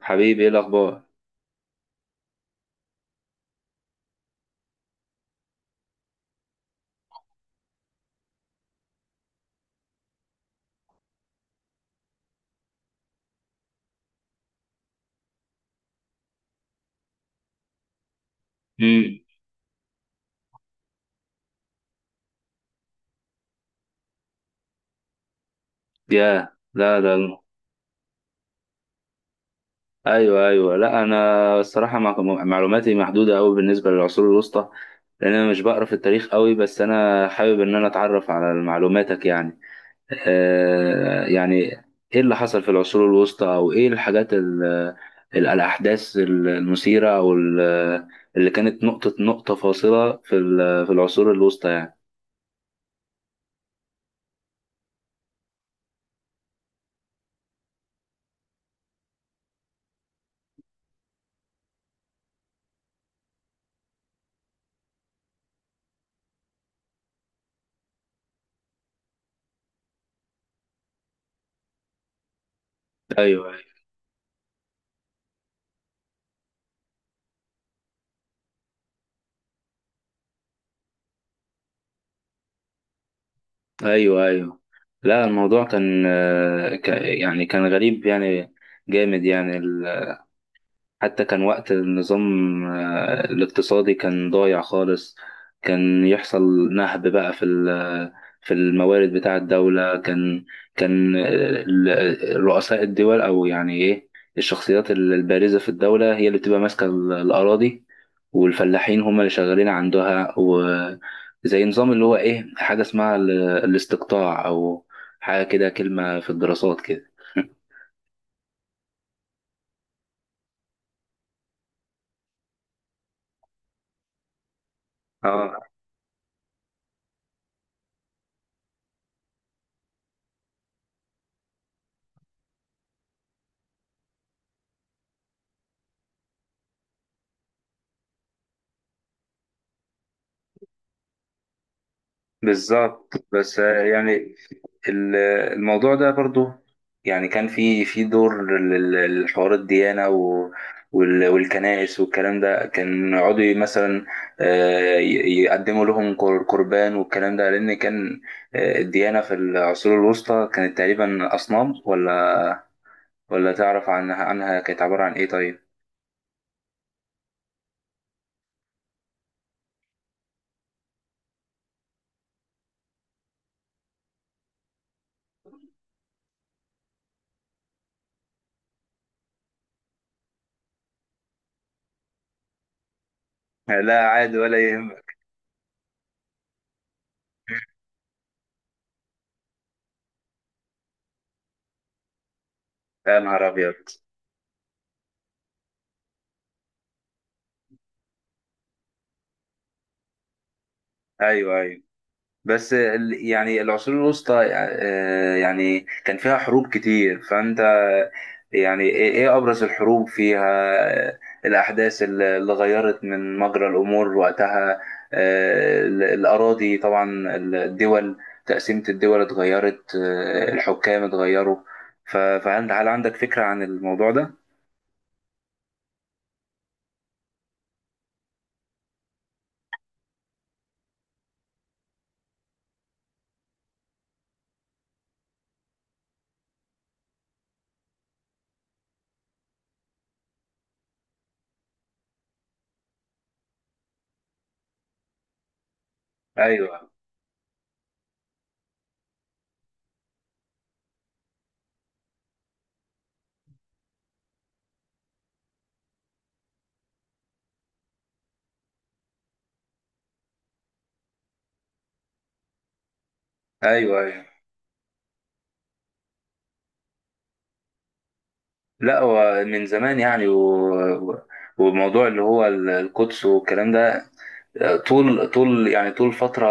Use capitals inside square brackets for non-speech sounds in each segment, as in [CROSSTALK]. حبيبي، ايه الاخبار؟ امم. يا لا ده الم- ايوه، ايوه. لا انا الصراحه، معلوماتي محدوده قوي بالنسبه للعصور الوسطى، لان انا مش بقرا في التاريخ قوي، بس انا حابب ان انا اتعرف على معلوماتك، يعني. يعني، ايه اللي حصل في العصور الوسطى، او ايه الحاجات الاحداث المثيره، اللي كانت نقطه فاصله في العصور الوسطى، يعني. ايوه، ايوه، ايوه. لا، الموضوع كان يعني كان غريب، يعني جامد، يعني. حتى كان وقت النظام الاقتصادي كان ضايع خالص. كان يحصل نهب بقى في الموارد بتاع الدولة، كان كان رؤساء الدول، أو يعني إيه، الشخصيات البارزة في الدولة هي اللي بتبقى ماسكة الأراضي، والفلاحين هم اللي شغالين عندها، وزي نظام اللي هو إيه، حاجة اسمها الاستقطاع، أو حاجة كده، كلمة في الدراسات كده. اه، بالظبط. بس يعني ال- الموضوع ده برضو، يعني كان في دور لحوار الديانة والكنائس والكلام ده، كان يقعدوا مثلا يقدموا لهم قربان والكلام ده، لأن كان الديانة في العصور الوسطى كانت تقريبا أصنام، ولا تعرف عنها كانت عبارة عن إيه، طيب؟ [LAUGHS] لا، عادي ولا يهمك. يا نهار أبيض. أيوه، أيوه. بس يعني العصور الوسطى يعني كان فيها حروب كتير، فأنت يعني، إيه أبرز الحروب فيها؟ آه، الأحداث اللي غيرت من مجرى الأمور وقتها، الأراضي طبعا، الدول، تقسيمة الدول اتغيرت، الحكام اتغيروا. ف- فهل هل عندك فكرة عن الموضوع ده؟ أيوه، أيوه، أيوه. لا، هو من زمان، يعني و... و- وموضوع اللي هو القدس والكلام ده، طول طول يعني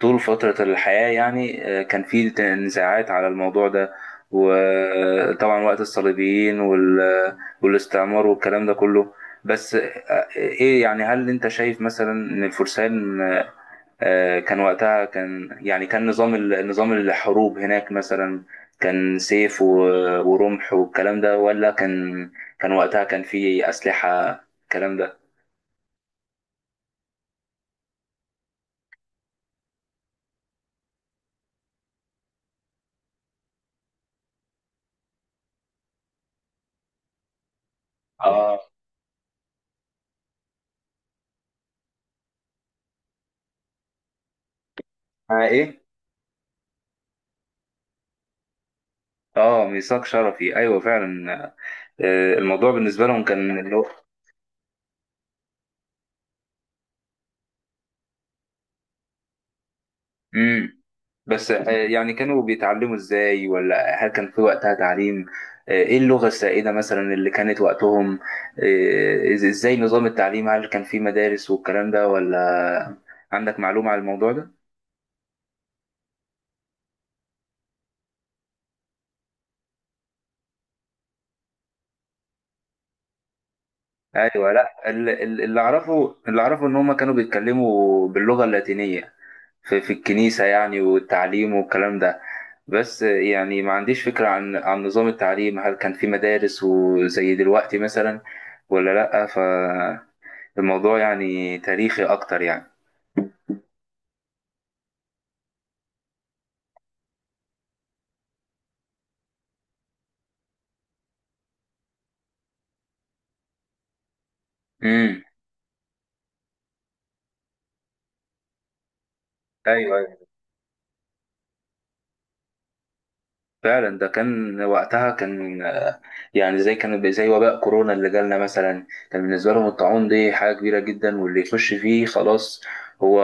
طول فترة الحياة، يعني كان في نزاعات على الموضوع ده، وطبعا وقت الصليبيين والاستعمار والكلام ده كله. بس ايه، يعني، هل انت شايف مثلا ان الفرسان كان وقتها، كان يعني كان نظام نظام الحروب هناك مثلا، كان سيف و- ورمح والكلام ده، ولا كان وقتها كان في أسلحة الكلام ده؟ اه. آه، ايه. اه، ميثاق شرفي. ايوه، فعلا. الموضوع بالنسبه لهم كان، اللي هو. امم. بس يعني كانوا بيتعلموا ازاي، ولا هل كان في وقتها تعليم؟ ايه اللغه السائده مثلا اللي كانت وقتهم؟ ازاي نظام التعليم، هل كان في مدارس والكلام ده ولا؟ عندك معلومه على الموضوع ده؟ ايوه. لا، اللي اعرفه ان هم كانوا بيتكلموا باللغه اللاتينيه في الكنيسة، يعني، والتعليم والكلام ده. بس يعني ما عنديش فكرة عن نظام التعليم، هل كان في مدارس وزي دلوقتي مثلا، ولا لأ؟ فالموضوع يعني تاريخي أكتر، يعني. امم. أيوه، أيوه، فعلا. ده كان وقتها كان يعني زي وباء كورونا اللي جالنا مثلا، كان بالنسبة لهم الطاعون دي حاجة كبيرة جدا، واللي يخش فيه خلاص، هو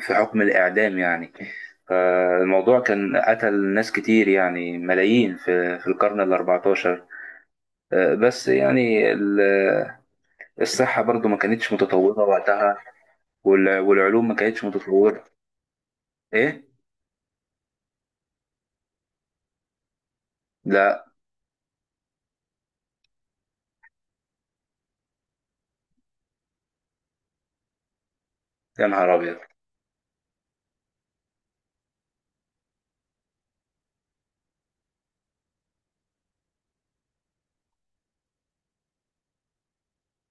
في حكم الإعدام يعني. فالموضوع كان قتل ناس كتير، يعني ملايين، في القرن 14. بس يعني الصحة برضو ما كانتش متطورة وقتها، والع- والعلوم ما كانتش متطورة. إيه؟ لا. يا نهار أبيض.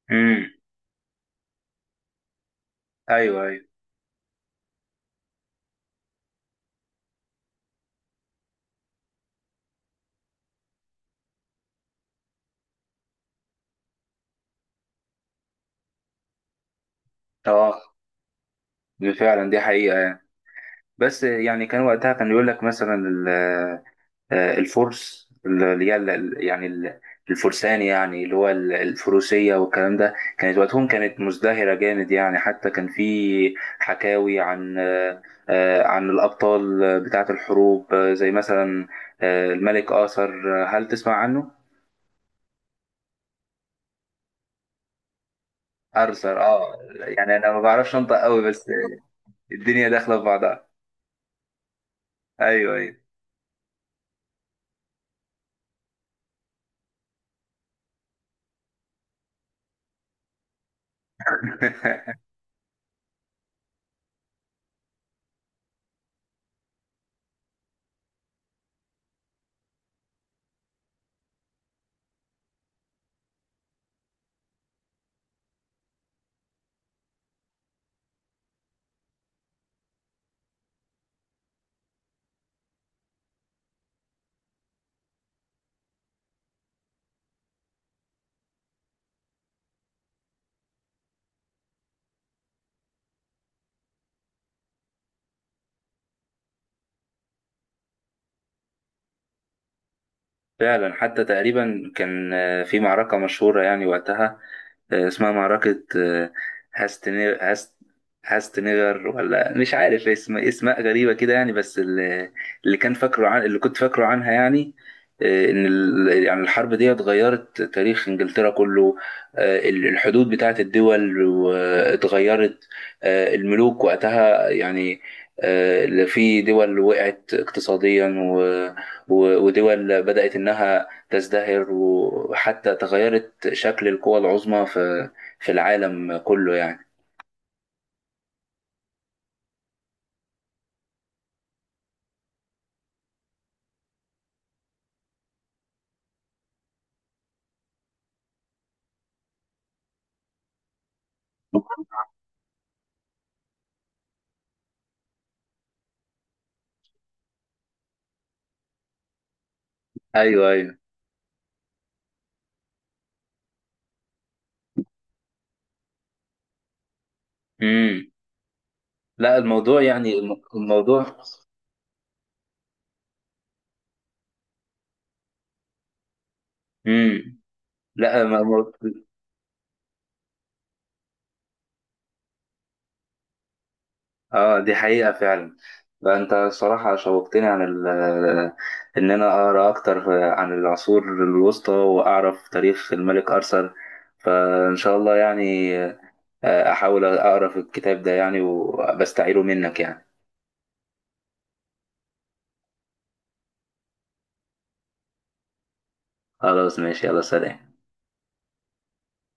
امم. أيوه، أيوه. أه، فعلا، دي حقيقة. بس يعني كان وقتها كان يقول لك مثلا الفرس اللي هي الفرسان، يعني اللي هو الفروسية والكلام ده، كانت وقتهم كانت مزدهرة جامد، يعني حتى كان في حكاوي عن عن الأبطال بتاعة الحروب زي مثلا الملك آثر، هل تسمع عنه؟ أرثر، اه، يعني أنا ما بعرفش أنطق قوي، بس الدنيا داخلة في بعضها. أيوه، أيوه، فعلا. حتى تقريبا كان في معركة مشهورة يعني وقتها، اسمها معركة آه، هاستنير هاست هاستنيغر، ولا مش عارف اسماء غريبة كده يعني، بس اللي كان فاكره، عن اللي كنت فاكره عنها، يعني يعني الحرب دي غيرت تاريخ انجلترا كله. الحدود بتاعت الدول اتغيرت، الملوك وقتها، يعني في دول وقعت اقتصاديا، و- ودول بدأت إنها تزدهر، وحتى تغيرت شكل القوى العظمى في العالم كله، يعني. أيوه، أيوه. امم. لا، الموضوع يعني الموضوع. امم. لا. اه، دي حقيقة فعلا. لا، انت الصراحة شوقتني عن ان انا اقرا اكتر عن العصور الوسطى واعرف تاريخ الملك ارثر، فان شاء الله يعني، احاول اقرا في الكتاب ده يعني، وبستعيره منك يعني. خلاص، ماشي، يلا، سلام.